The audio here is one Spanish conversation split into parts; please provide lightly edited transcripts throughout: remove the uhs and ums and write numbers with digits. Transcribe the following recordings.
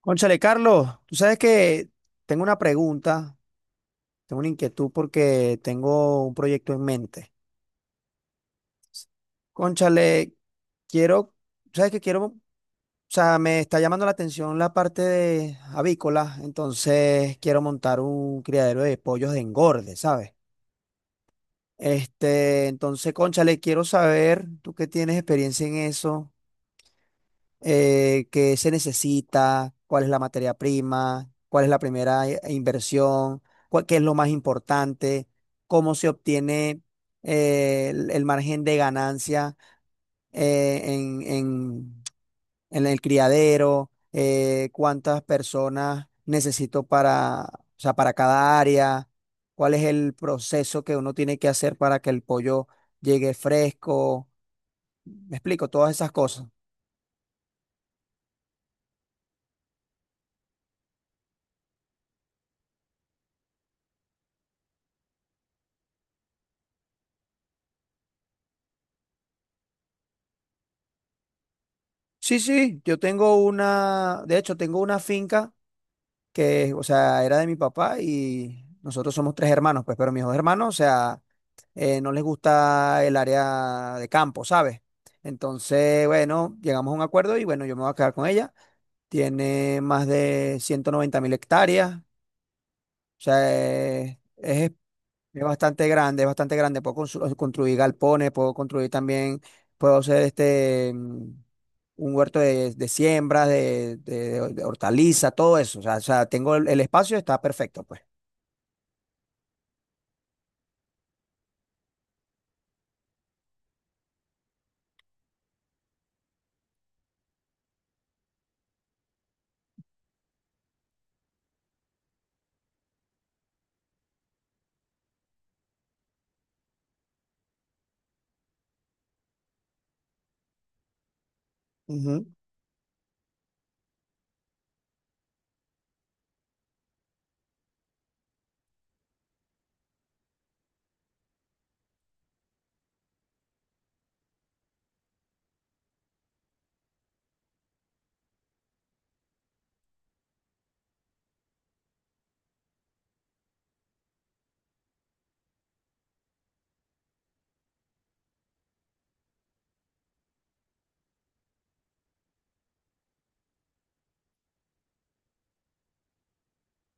Cónchale, Carlos, tú sabes que tengo una pregunta, tengo una inquietud porque tengo un proyecto en mente. Cónchale, quiero, sabes que quiero, o sea, me está llamando la atención la parte de avícola, entonces quiero montar un criadero de pollos de engorde, ¿sabes? Este, entonces, cónchale, quiero saber, tú que tienes experiencia en eso. Qué se necesita, cuál es la materia prima, cuál es la primera inversión, qué es lo más importante, cómo se obtiene el margen de ganancia, eh, en, en- en el criadero, cuántas personas necesito para, o sea, para cada área, cuál es el proceso que uno tiene que hacer para que el pollo llegue fresco. Me explico, todas esas cosas. Sí, sí, yo tengo una, de hecho, tengo una finca que, o sea, era de mi papá y nosotros somos tres hermanos, pues, pero mis dos hermanos, o sea, no les gusta el área de campo, ¿sabes? Entonces, bueno, llegamos a un acuerdo y bueno, yo me voy a quedar con ella. Tiene más de 190 mil hectáreas, o sea, es, es bastante grande, es bastante grande. Puedo construir galpones, puedo construir también, puedo hacer este un huerto de siembras, de hortalizas, todo eso. O sea, tengo el espacio, está perfecto, pues. Ujú.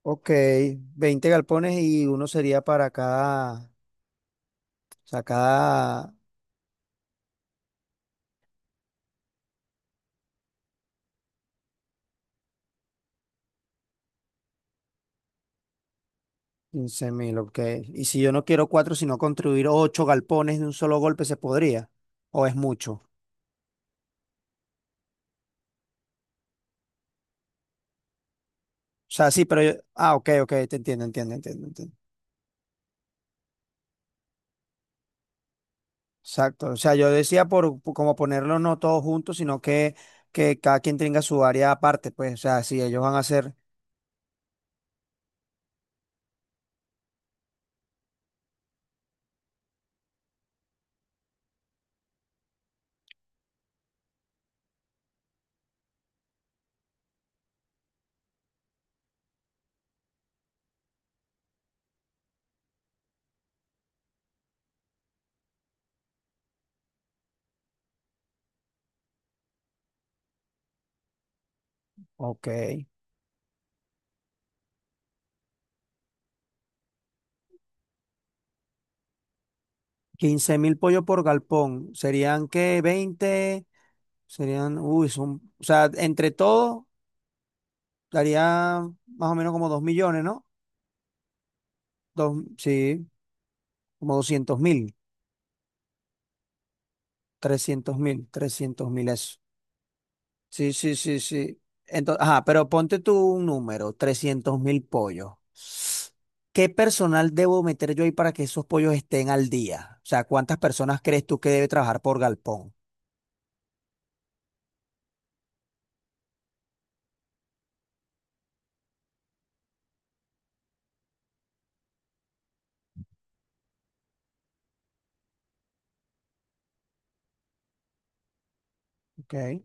Ok, 20 galpones y uno sería para cada, o sea, cada quince mil, ok. Y si yo no quiero cuatro, sino construir ocho galpones de un solo golpe, ¿se podría? ¿O es mucho? O sea, sí, pero ah, ok, ok, te entiendo, entiendo, entiendo, entiendo. Exacto, o sea, yo decía por como ponerlo no todos juntos, sino que cada quien tenga su área aparte, pues, o sea, si ellos van a hacer, ok, 15 mil pollos por galpón, serían que 20, serían, uy, son, o sea, entre todos daría más o menos como 2 millones, ¿no? Dos, sí, como 200 mil, 300 mil, 300 mil. Sí, sí, sí, sí. Entonces, ajá, pero ponte tú un número, 300 mil pollos. ¿Qué personal debo meter yo ahí para que esos pollos estén al día? O sea, ¿cuántas personas crees tú que debe trabajar por galpón? Ok,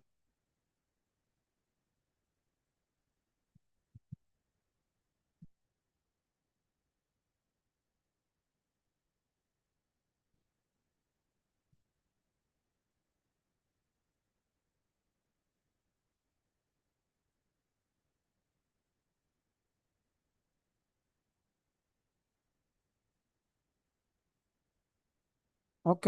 ok.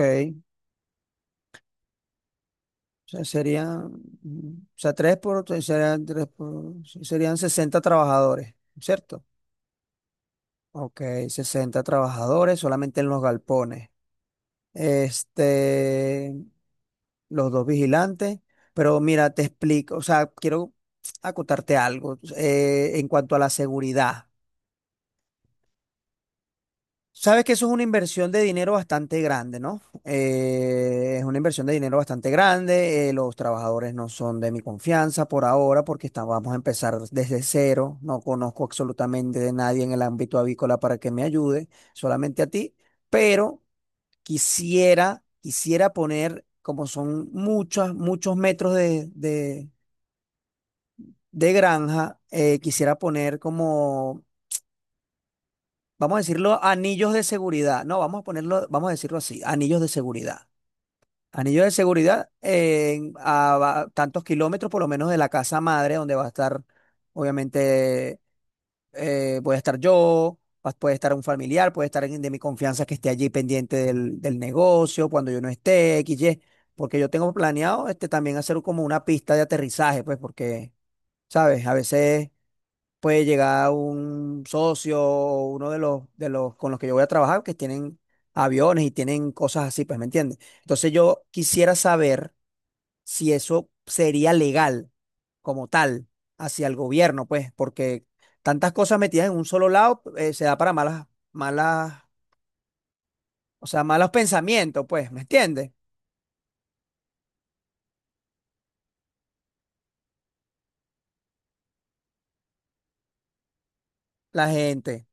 O sea, serían, mm, o sea, tres por, serían, tres por, serían 60 trabajadores, ¿cierto? Ok, 60 trabajadores solamente en los galpones. Este, los dos vigilantes. Pero mira, te explico, o sea, quiero acotarte algo, en cuanto a la seguridad. Sabes que eso es una inversión de dinero bastante grande, ¿no? Es una inversión de dinero bastante grande. Los trabajadores no son de mi confianza por ahora porque vamos a empezar desde cero. No conozco absolutamente de nadie en el ámbito avícola para que me ayude, solamente a ti. Pero quisiera poner, como son muchos, muchos metros de granja, quisiera poner como, vamos a decirlo, anillos de seguridad. No, vamos a ponerlo, vamos a decirlo así, anillos de seguridad. Anillos de seguridad a, tantos kilómetros por lo menos de la casa madre, donde va a estar, obviamente, puede estar yo, puede estar un familiar, puede estar alguien de mi confianza que esté allí pendiente del, del negocio cuando yo no esté, XY, porque yo tengo planeado este, también hacer como una pista de aterrizaje, pues porque, ¿sabes? A veces puede llegar un socio o uno de los con los que yo voy a trabajar que tienen aviones y tienen cosas así, pues, ¿me entiendes? Entonces yo quisiera saber si eso sería legal como tal hacia el gobierno, pues, porque tantas cosas metidas en un solo lado, se da para malas, malas, o sea, malos pensamientos, pues, ¿me entiendes? La gente.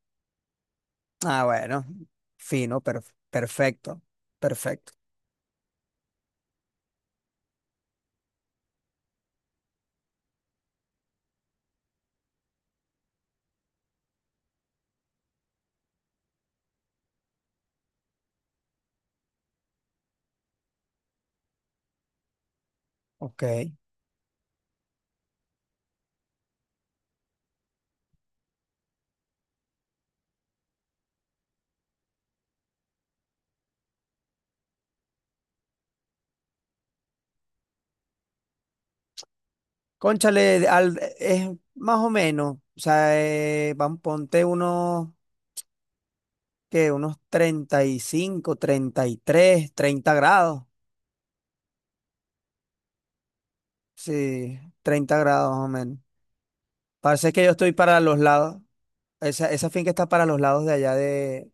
Ah, bueno, fino, perfecto, perfecto. Ok. Cónchale, es más o menos, o sea, van, ponte unos, que unos treinta, treinta y cinco, treinta y tres, treinta grados. Sí, 30 grados más o menos. Parece que yo estoy para los lados, esa finca está para los lados de allá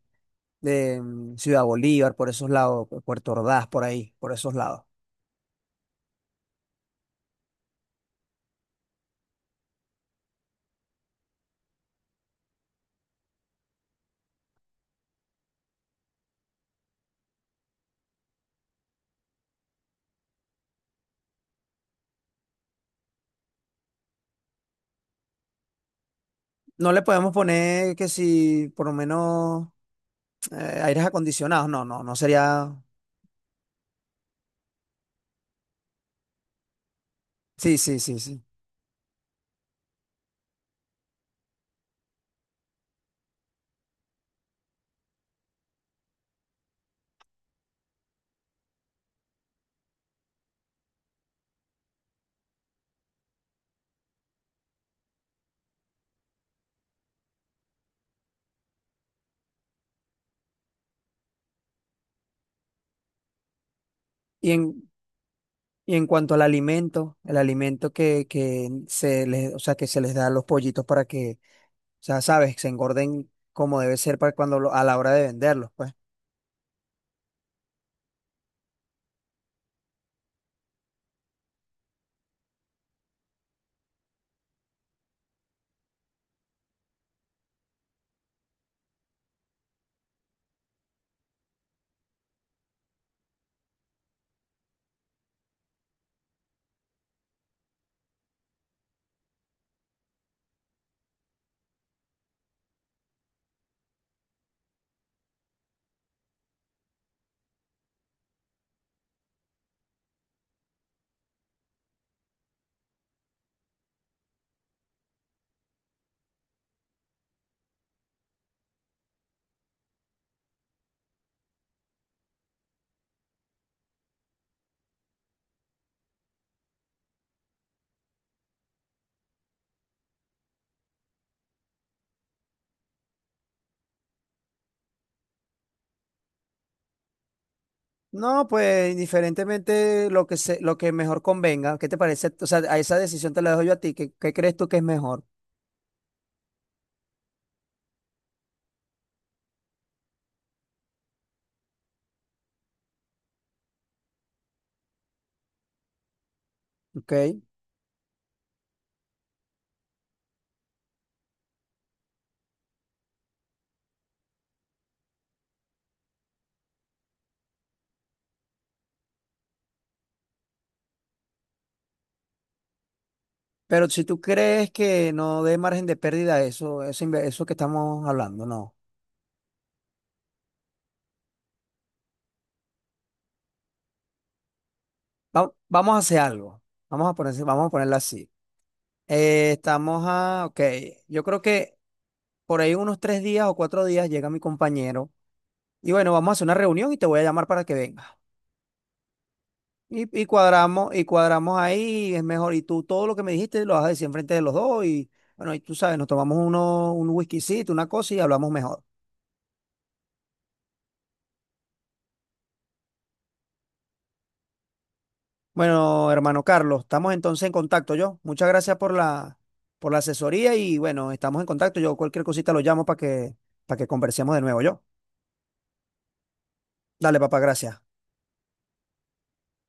de Ciudad Bolívar, por esos lados, Puerto Ordaz, por ahí, por esos lados. No le podemos poner que si por lo menos, aires acondicionados, no, no, no sería... Sí, sí, sí, sí. Y en, y en cuanto al alimento, el alimento que se les, o sea, que se les da a los pollitos para que, o sea, sabes, se engorden como debe ser para cuando a la hora de venderlos, pues. No, pues indiferentemente lo que se, lo que mejor convenga, ¿qué te parece? O sea, a esa decisión te la dejo yo a ti, ¿qué, qué crees tú que es mejor? ¿Ok? Pero si tú crees que no dé margen de pérdida a eso, eso, eso que estamos hablando, no. Vamos a hacer algo. Vamos a ponerse, vamos a ponerla así. Estamos a, ok, yo creo que por ahí unos tres días o cuatro días llega mi compañero y bueno, vamos a hacer una reunión y te voy a llamar para que vengas. Y cuadramos, y cuadramos ahí, es mejor. Y tú todo lo que me dijiste lo vas a decir enfrente de los dos. Y bueno, y tú sabes, nos tomamos uno, un whiskycito, una cosa y hablamos mejor. Bueno, hermano Carlos, estamos entonces en contacto yo. Muchas gracias por la asesoría y bueno, estamos en contacto. Yo cualquier cosita lo llamo para que conversemos de nuevo yo. Dale, papá, gracias.